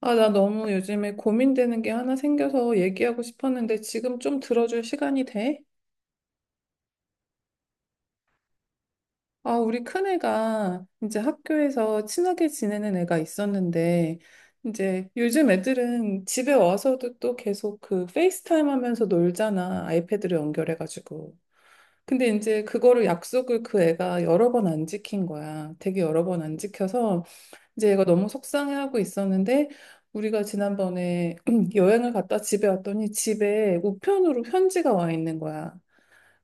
아, 나 너무 요즘에 고민되는 게 하나 생겨서 얘기하고 싶었는데 지금 좀 들어줄 시간이 돼? 아, 우리 큰애가 이제 학교에서 친하게 지내는 애가 있었는데 이제 요즘 애들은 집에 와서도 또 계속 그 페이스타임 하면서 놀잖아. 아이패드로 연결해가지고. 근데 이제 그거를 약속을 그 애가 여러 번 안 지킨 거야. 되게 여러 번 안 지켜서 이제 얘가 너무 속상해하고 있었는데 우리가 지난번에 여행을 갔다 집에 왔더니 집에 우편으로 편지가 와 있는 거야.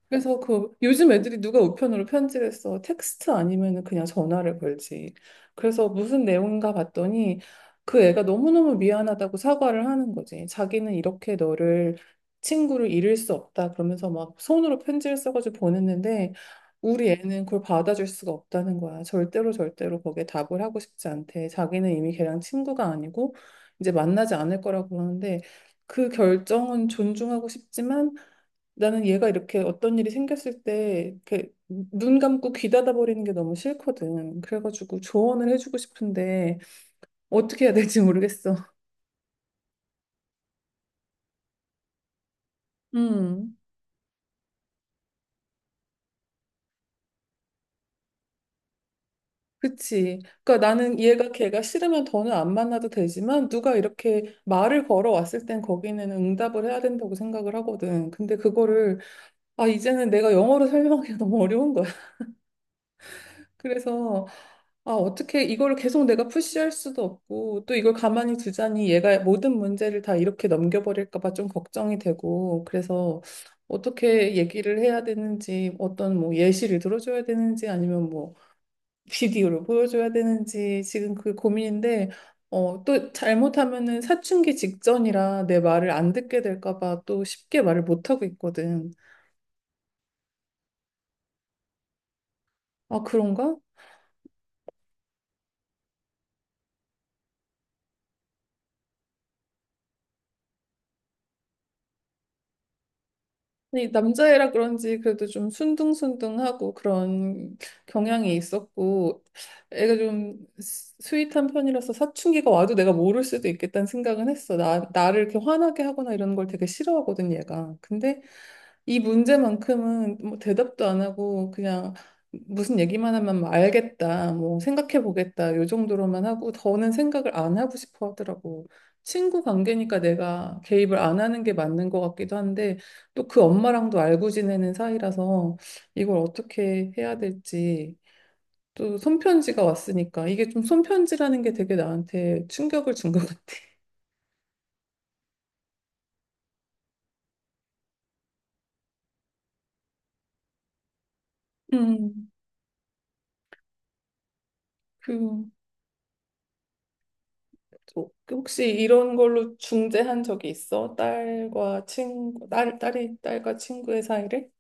그래서 그 요즘 애들이 누가 우편으로 편지를 써 텍스트 아니면은 그냥 전화를 걸지. 그래서 무슨 내용인가 봤더니 그 애가 너무너무 미안하다고 사과를 하는 거지. 자기는 이렇게 너를 친구를 잃을 수 없다 그러면서 막 손으로 편지를 써가지고 보냈는데 우리 애는 그걸 받아줄 수가 없다는 거야. 절대로 절대로 거기에 답을 하고 싶지 않대. 자기는 이미 걔랑 친구가 아니고 이제 만나지 않을 거라고 그러는데 그 결정은 존중하고 싶지만 나는 얘가 이렇게 어떤 일이 생겼을 때 이렇게 눈 감고 귀 닫아버리는 게 너무 싫거든. 그래가지고 조언을 해주고 싶은데 어떻게 해야 될지 모르겠어. 음, 그치. 그러니까 나는 얘가 걔가 싫으면 더는 안 만나도 되지만 누가 이렇게 말을 걸어왔을 땐 거기는 응답을 해야 된다고 생각을 하거든. 근데 그거를 아, 이제는 내가 영어로 설명하기가 너무 어려운 거야. 그래서 아, 어떻게 이걸 계속 내가 푸시할 수도 없고 또 이걸 가만히 두자니 얘가 모든 문제를 다 이렇게 넘겨버릴까 봐 좀 걱정이 되고 그래서 어떻게 얘기를 해야 되는지 어떤 뭐 예시를 들어줘야 되는지 아니면 뭐 비디오를 보여줘야 되는지 지금 그 고민인데 어, 또 잘못하면은 사춘기 직전이라 내 말을 안 듣게 될까 봐 또 쉽게 말을 못 하고 있거든. 아, 그런가? 이 남자애라 그런지 그래도 좀 순둥순둥하고 그런 경향이 있었고 애가 좀 스윗한 편이라서 사춘기가 와도 내가 모를 수도 있겠다는 생각은 했어. 나를 이렇게 화나게 하거나 이런 걸 되게 싫어하거든 얘가. 근데 이 문제만큼은 뭐 대답도 안 하고 그냥 무슨 얘기만 하면 뭐 알겠다, 뭐 생각해 보겠다 요 정도로만 하고 더는 생각을 안 하고 싶어 하더라고. 친구 관계니까 내가 개입을 안 하는 게 맞는 것 같기도 한데 또 그 엄마랑도 알고 지내는 사이라서 이걸 어떻게 해야 될지 또 손편지가 왔으니까 이게 좀 손편지라는 게 되게 나한테 충격을 준 것 같아. 음, 그, 또 혹시 이런 걸로 중재한 적이 있어? 딸과 친구의 사이를?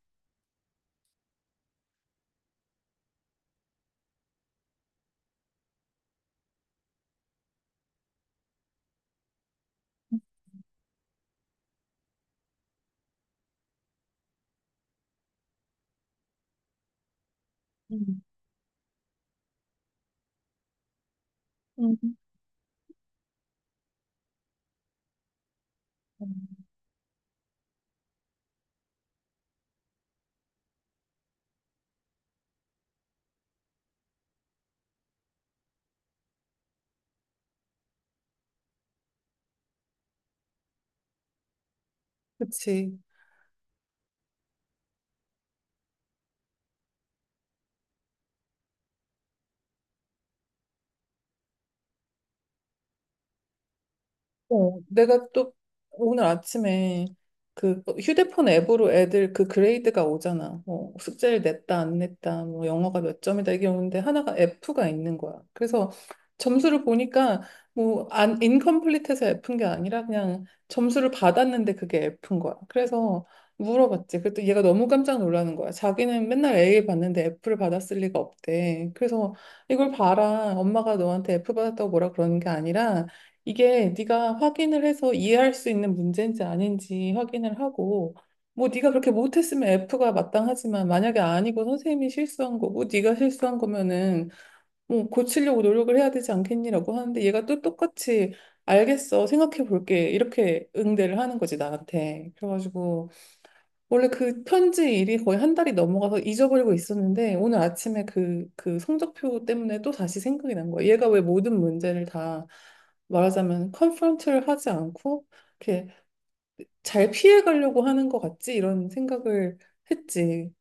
음, 음. 음. 그치. 어, 내가 또 오늘 아침에 그 휴대폰 앱으로 애들 그 그레이드가 오잖아. 뭐 숙제를 냈다, 안 냈다, 뭐 영어가 몇 점이다 이게 오는데 하나가 F가 있는 거야. 그래서 점수를 보니까 뭐 안, 인컴플리트해서 F인 게 아니라 그냥 점수를 받았는데 그게 F인 거야. 그래서 물어봤지. 그랬더니 얘가 너무 깜짝 놀라는 거야. 자기는 맨날 A 받는데 F를 받았을 리가 없대. 그래서 이걸 봐라. 엄마가 너한테 F 받았다고 뭐라 그러는 게 아니라 이게 네가 확인을 해서 이해할 수 있는 문제인지 아닌지 확인을 하고 뭐 네가 그렇게 못했으면 F가 마땅하지만 만약에 아니고 선생님이 실수한 거고 네가 실수한 거면은 뭐 고치려고 노력을 해야 되지 않겠니라고 하는데 얘가 또 똑같이 알겠어 생각해 볼게 이렇게 응대를 하는 거지 나한테 그래가지고 원래 그 편지 일이 거의 한 달이 넘어가서 잊어버리고 있었는데 오늘 아침에 그 성적표 때문에 또 다시 생각이 난 거야. 얘가 왜 모든 문제를 다 말하자면 컨프런트를 하지 않고 이렇게 잘 피해가려고 하는 것 같지? 이런 생각을 했지.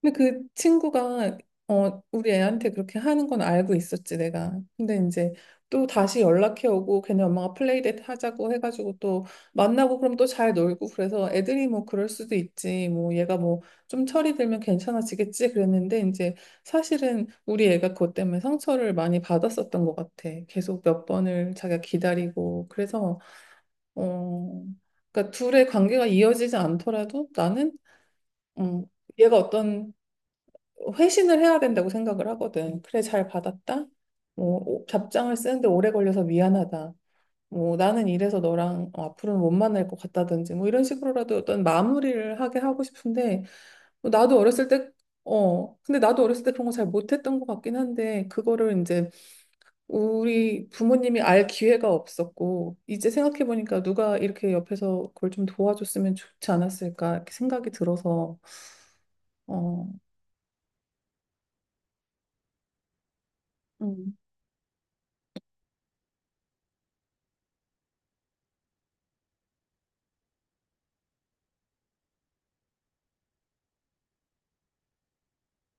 근데 그 친구가 어 우리 애한테 그렇게 하는 건 알고 있었지 내가. 근데 이제 또 다시 연락해 오고 걔네 엄마가 플레이데이트 하자고 해가지고 또 만나고 그럼 또 잘 놀고 그래서 애들이 뭐 그럴 수도 있지 뭐 얘가 뭐 좀 철이 들면 괜찮아지겠지 그랬는데 이제 사실은 우리 애가 그것 때문에 상처를 많이 받았었던 것 같아. 계속 몇 번을 자기가 기다리고 그래서 어 그러니까 둘의 관계가 이어지지 않더라도 나는 음, 얘가 어떤 회신을 해야 된다고 생각을 하거든. 그래, 잘 받았다. 뭐, 답장을 쓰는데 오래 걸려서 미안하다. 뭐, 나는 이래서 너랑 어, 앞으로는 못 만날 것 같다든지, 뭐, 이런 식으로라도 어떤 마무리를 하게 하고 싶은데, 뭐 나도 어렸을 때, 어, 근데 나도 어렸을 때 그런 거 잘 못했던 것 같긴 한데, 그거를 이제 우리 부모님이 알 기회가 없었고, 이제 생각해보니까 누가 이렇게 옆에서 그걸 좀 도와줬으면 좋지 않았을까, 이렇게 생각이 들어서, 어, 음,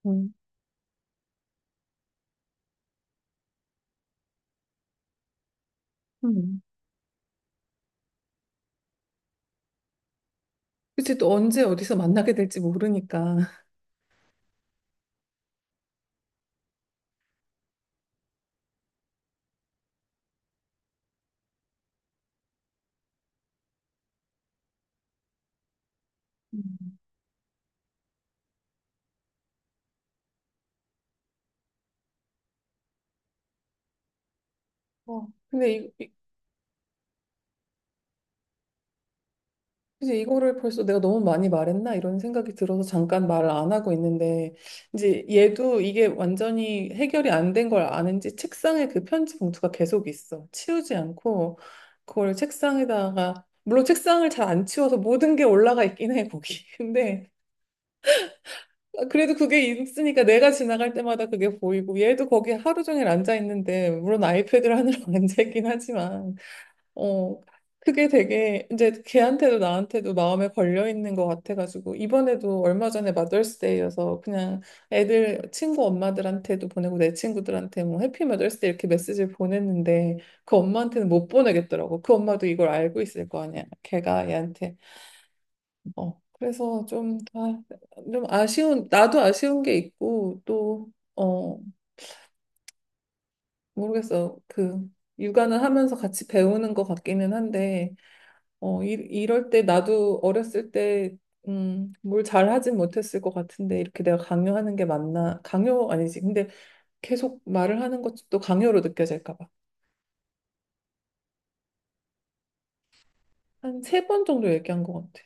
음, 음. 그치, 또 언제 어디서 만나게 될지 모르니까. 음. 어, 근데 이제 이거를 벌써 내가 너무 많이 말했나? 이런 생각이 들어서 잠깐 말을 안 하고 있는데, 이제 얘도 이게 완전히 해결이 안 된 걸 아는지 책상에 그 편지 봉투가 계속 있어. 치우지 않고, 그걸 책상에다가, 물론 책상을 잘 안 치워서 모든 게 올라가 있긴 해, 거기. 근데, 아, 그래도 그게 있으니까 내가 지나갈 때마다 그게 보이고, 얘도 거기 하루 종일 앉아 있는데, 물론 아이패드를 하느라 앉아 있긴 하지만, 어, 그게 되게 이제 걔한테도 나한테도 마음에 걸려 있는 것 같아가지고 이번에도 얼마 전에 마더스데이여서 그냥 애들 친구 엄마들한테도 보내고 내 친구들한테 뭐 해피 마더스데이 이렇게 메시지를 보냈는데 그 엄마한테는 못 보내겠더라고. 그 엄마도 이걸 알고 있을 거 아니야. 걔가 얘한테 어 그래서 좀, 아, 좀 아쉬운 나도 아쉬운 게 있고 또 어 모르겠어 그 육아는 하면서 같이 배우는 것 같기는 한데. 어, 이, 이럴 때 나도 어렸을 때, 뭘 잘하진 못했을 것 같은데, 이렇게 내가 강요하는 게 맞나? 강요 아니지. 근데 계속 말을 하는 것도 강요로 느껴질까 봐. 한 세 번 정도 얘기한 것 같아.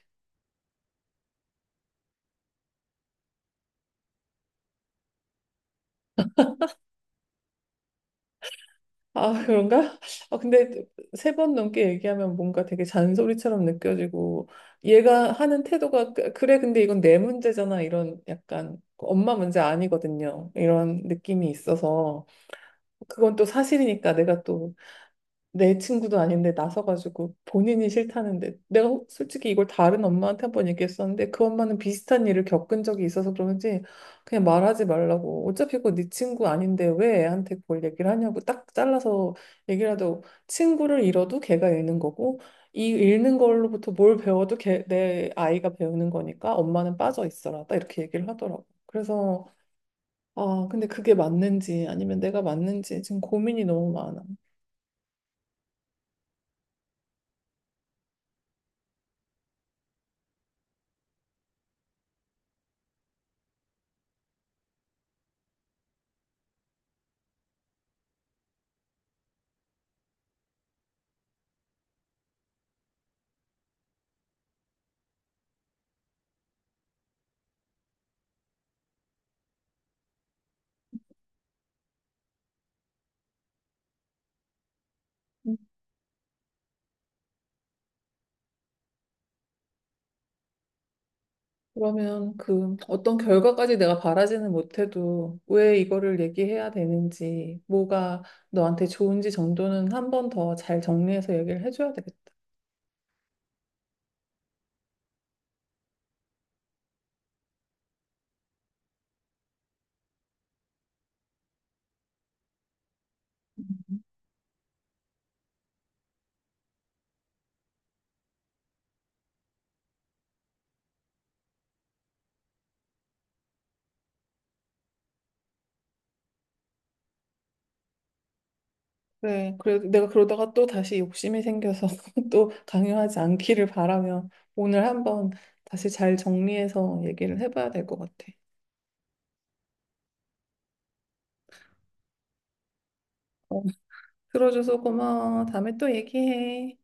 아, 그런가? 아, 근데 세 번 넘게 얘기하면 뭔가 되게 잔소리처럼 느껴지고, 얘가 하는 태도가, 그래, 근데 이건 내 문제잖아. 이런 약간, 엄마 문제 아니거든요. 이런 느낌이 있어서, 그건 또 사실이니까 내가 또 내 친구도 아닌데 나서가지고 본인이 싫다는데 내가 솔직히 이걸 다른 엄마한테 한번 얘기했었는데 그 엄마는 비슷한 일을 겪은 적이 있어서 그런지 그냥 말하지 말라고 어차피 그거 네 친구 아닌데 왜 애한테 그걸 얘기를 하냐고 딱 잘라서 얘기를 하고 친구를 잃어도 걔가 잃는 거고 이 잃는 걸로부터 뭘 배워도 걔, 내 아이가 배우는 거니까 엄마는 빠져 있어라 딱 이렇게 얘기를 하더라고. 그래서 아 근데 그게 맞는지 아니면 내가 맞는지 지금 고민이 너무 많아. 그러면 그 어떤 결과까지 내가 바라지는 못해도 왜 이거를 얘기해야 되는지, 뭐가 너한테 좋은지 정도는 한 번 더 잘 정리해서 얘기를 해줘야 되겠다. 그래, 그래, 내가 그러다가 또 다시 욕심이 생겨서 또 강요하지 않기를 바라며 오늘 한번 다시 잘 정리해서 얘기를 해봐야 될 것 같아. 어, 들어줘서 고마워. 다음에 또 얘기해.